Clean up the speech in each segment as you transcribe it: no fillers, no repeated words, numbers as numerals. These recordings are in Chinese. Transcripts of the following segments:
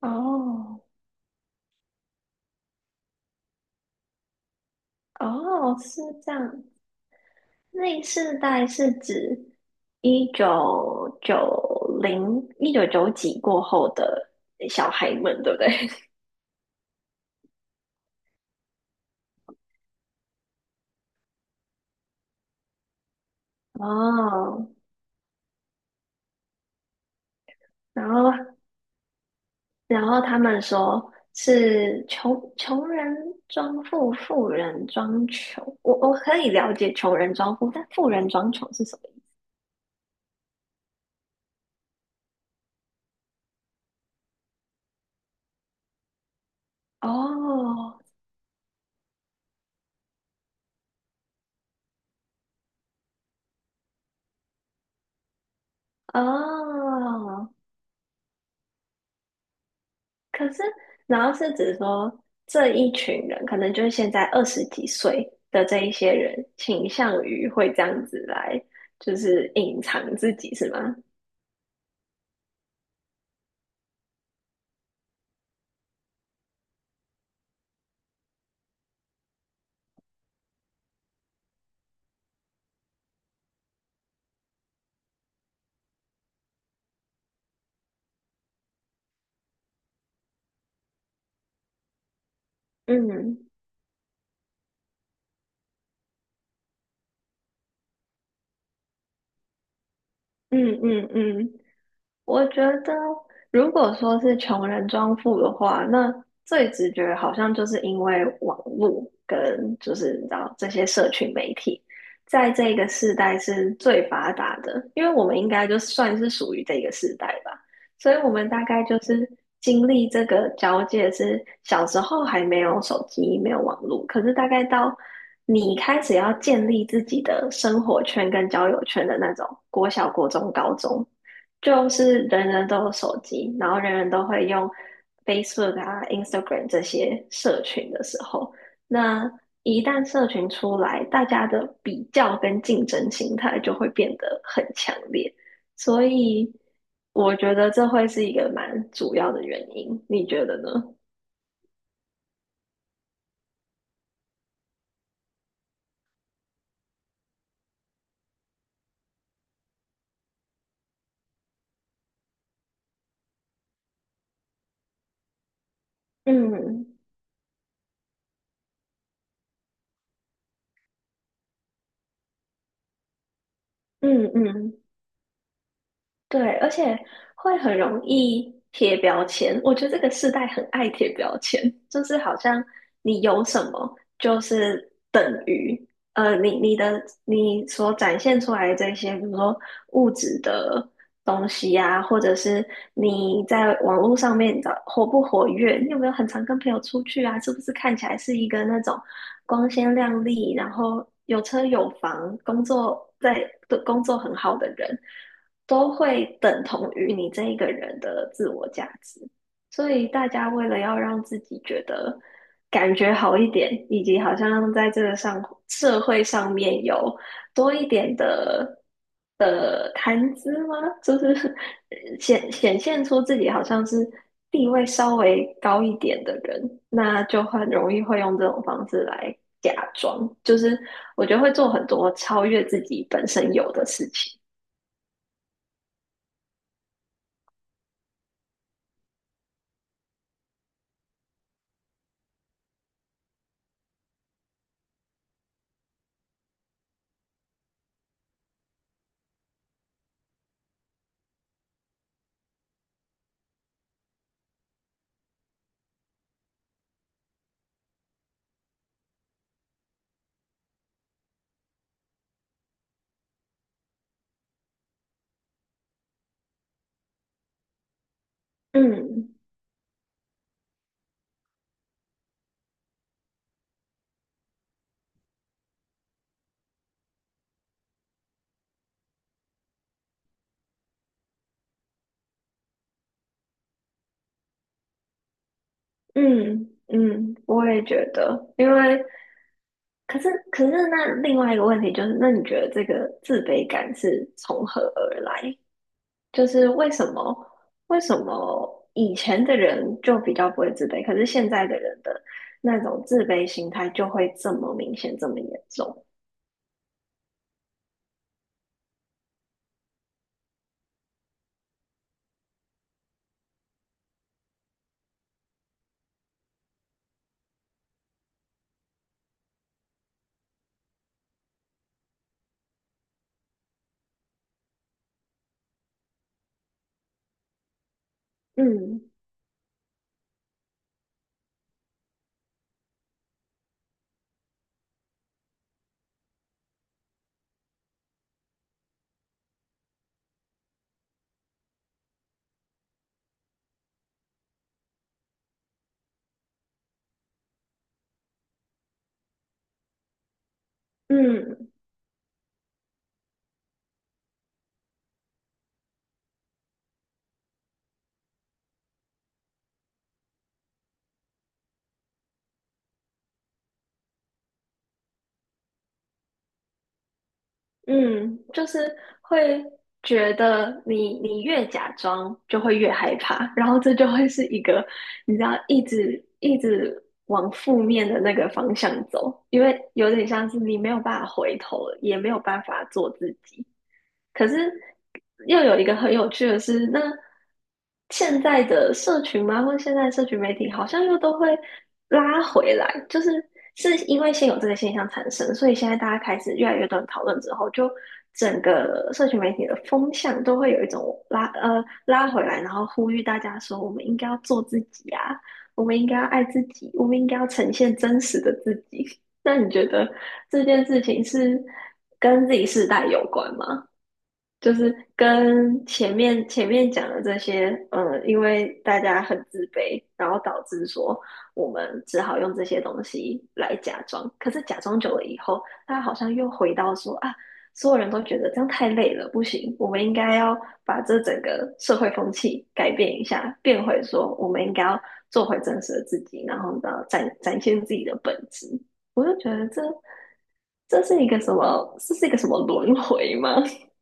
哦哦，是这样。那世代是指1990、一九九几过后的小孩们，对不对？哦，然后然后他们说是穷人装富，富人装穷。我可以了解穷人装富，但富人装穷是什么意思？哦哦可是，然后是指说这一群人，可能就是现在二十几岁的这一些人，倾向于会这样子来，就是隐藏自己，是吗？嗯嗯嗯嗯，我觉得，如果说是穷人装富的话，那最直觉好像就是因为网络跟就是你知道这些社群媒体，在这个世代是最发达的，因为我们应该就算是属于这个世代吧，所以我们大概就是经历这个交界是小时候还没有手机，没有网络，可是大概到你开始要建立自己的生活圈跟交友圈的那种国小、国中、高中。就是人人都有手机，然后人人都会用 Facebook 啊、Instagram 这些社群的时候，那一旦社群出来，大家的比较跟竞争心态就会变得很强烈，所以我觉得这会是一个蛮主要的原因，你觉得呢？嗯嗯嗯。对，而且会很容易贴标签。我觉得这个世代很爱贴标签，就是好像你有什么就是等于，你所展现出来的这些，比如说物质的东西啊，或者是你在网络上面的活不活跃，你有没有很常跟朋友出去啊？是不是看起来是一个那种光鲜亮丽，然后有车有房，工作在的工作很好的人，都会等同于你这一个人的自我价值。所以大家为了要让自己觉得感觉好一点，以及好像在这个社会上面有多一点的谈资吗？就是 显现出自己好像是地位稍微高一点的人，那就很容易会用这种方式来假装，就是我觉得会做很多超越自己本身有的事情。嗯嗯嗯，我也觉得，因为。可是，那另外一个问题就是，那你觉得这个自卑感是从何而来？就是为什么以前的人就比较不会自卑，可是现在的人的那种自卑心态就会这么明显，这么严重？嗯嗯嗯，就是会觉得你越假装就会越害怕，然后这就会是一个你知道一直一直往负面的那个方向走，因为有点像是你没有办法回头了，也没有办法做自己。可是又有一个很有趣的是，那现在的社群嘛，或者现在的社群媒体，好像又都会拉回来，就是是因为先有这个现象产生，所以现在大家开始越来越多人讨论之后，就整个社群媒体的风向都会有一种拉回来，然后呼吁大家说，我们应该要做自己啊，我们应该要爱自己，我们应该要呈现真实的自己。那你觉得这件事情是跟自己世代有关吗？就是跟前面讲的这些，因为大家很自卑，然后导致说我们只好用这些东西来假装。可是假装久了以后，他好像又回到说啊，所有人都觉得这样太累了，不行，我们应该要把这整个社会风气改变一下，变回说我们应该要做回真实的自己，然后呢，展现自己的本质。我就觉得这是一个什么？这是一个什么轮回吗？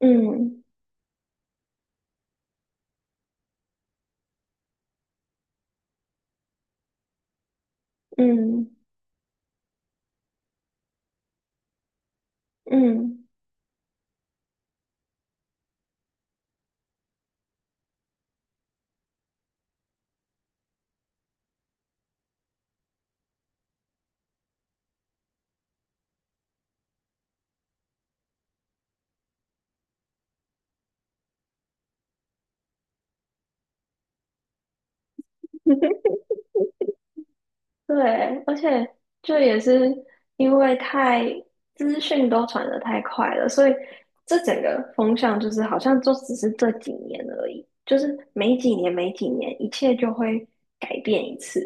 嗯。嗯嗯，对，而且这也是因为资讯都传的太快了，所以这整个风向就是好像就只是这几年而已，就是每几年每几年，一切就会改变一次，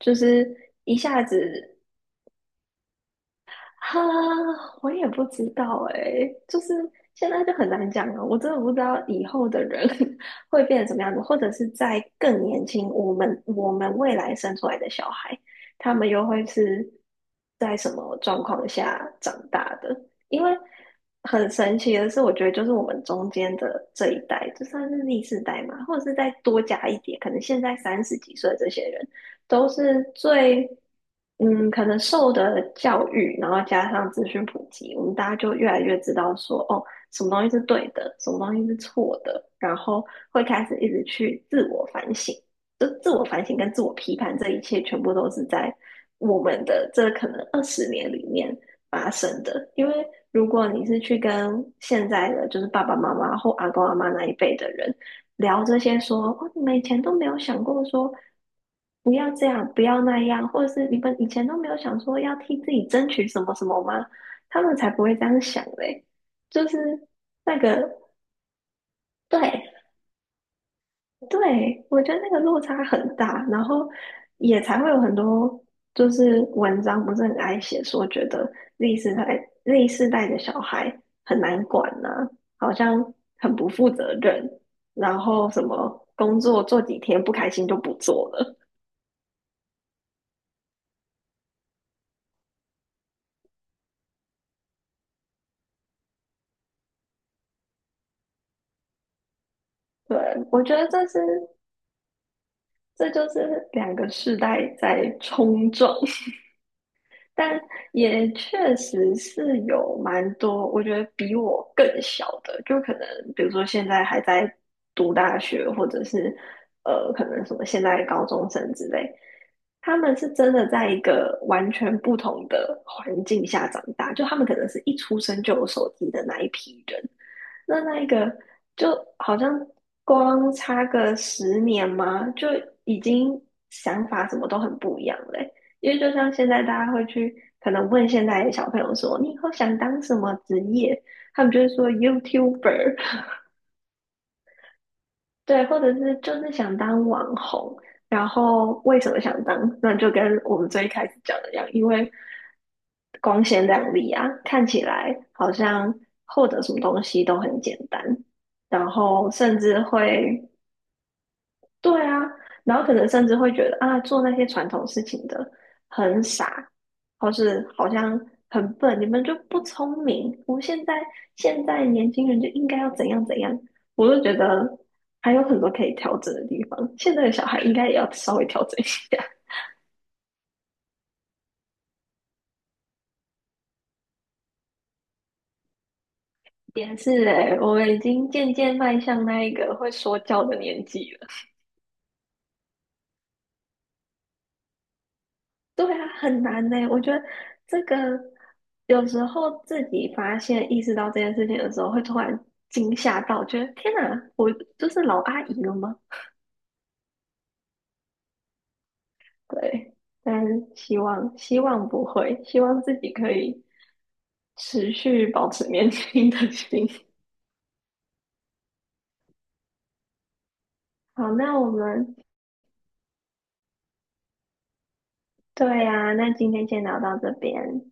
就是一下子哈，我也不知道诶，就是现在就很难讲了。我真的不知道以后的人 会变成什么样子，或者是在更年轻，我们未来生出来的小孩，他们又会是在什么状况下长大的？因为很神奇的是，我觉得就是我们中间的这一代，就算是 Z 世代嘛，或者是再多加一点，可能现在三十几岁的这些人。都是最可能受的教育，然后加上资讯普及，我们大家就越来越知道说哦，什么东西是对的，什么东西是错的，然后会开始一直去自我反省。就自我反省跟自我批判，这一切全部都是在我们的这可能20年里面发生的。因为如果你是去跟现在的就是爸爸妈妈或阿公阿妈那一辈的人聊这些说，哦，你们以前都没有想过说不要这样，不要那样，或者是你们以前都没有想说要替自己争取什么什么吗？他们才不会这样想嘞，就是那个对，对，我觉得那个落差很大，然后也才会有很多就是文章不是很爱写说，觉得 Z 世代的小孩很难管呐、好像很不负责任，然后什么工作做几天不开心就不做了。对，我觉得这就是两个世代在冲撞。但也确实是有蛮多，我觉得比我更小的，就可能比如说现在还在读大学，或者是可能什么现在高中生之类，他们是真的在一个完全不同的环境下长大，就他们可能是一出生就有手机的那一批人，那一个就好像光差个十年嘛，就已经想法什么都很不一样嘞。因为就像现在大家会去可能问现在的小朋友说，你以后想当什么职业？他们就会说 YouTuber,对，或者是就是想当网红。然后为什么想当？那就跟我们最开始讲的一样，因为光鲜亮丽啊，看起来好像获得什么东西都很简单，然后甚至会对啊，然后可能甚至会觉得啊，做那些传统事情的很傻，或是好像很笨，你们就不聪明。我们现在年轻人就应该要怎样怎样，我就觉得还有很多可以调整的地方。现在的小孩应该也要稍微调整一下。也是诶，我们已经渐渐迈向那一个会说教的年纪了。对啊，很难呢。我觉得这个有时候自己发现、意识到这件事情的时候，会突然惊吓到，觉得天哪，我就是老阿姨了吗？对，但是希望不会，希望自己可以持续保持年轻的心。好，那我们对呀、那今天先聊到这边。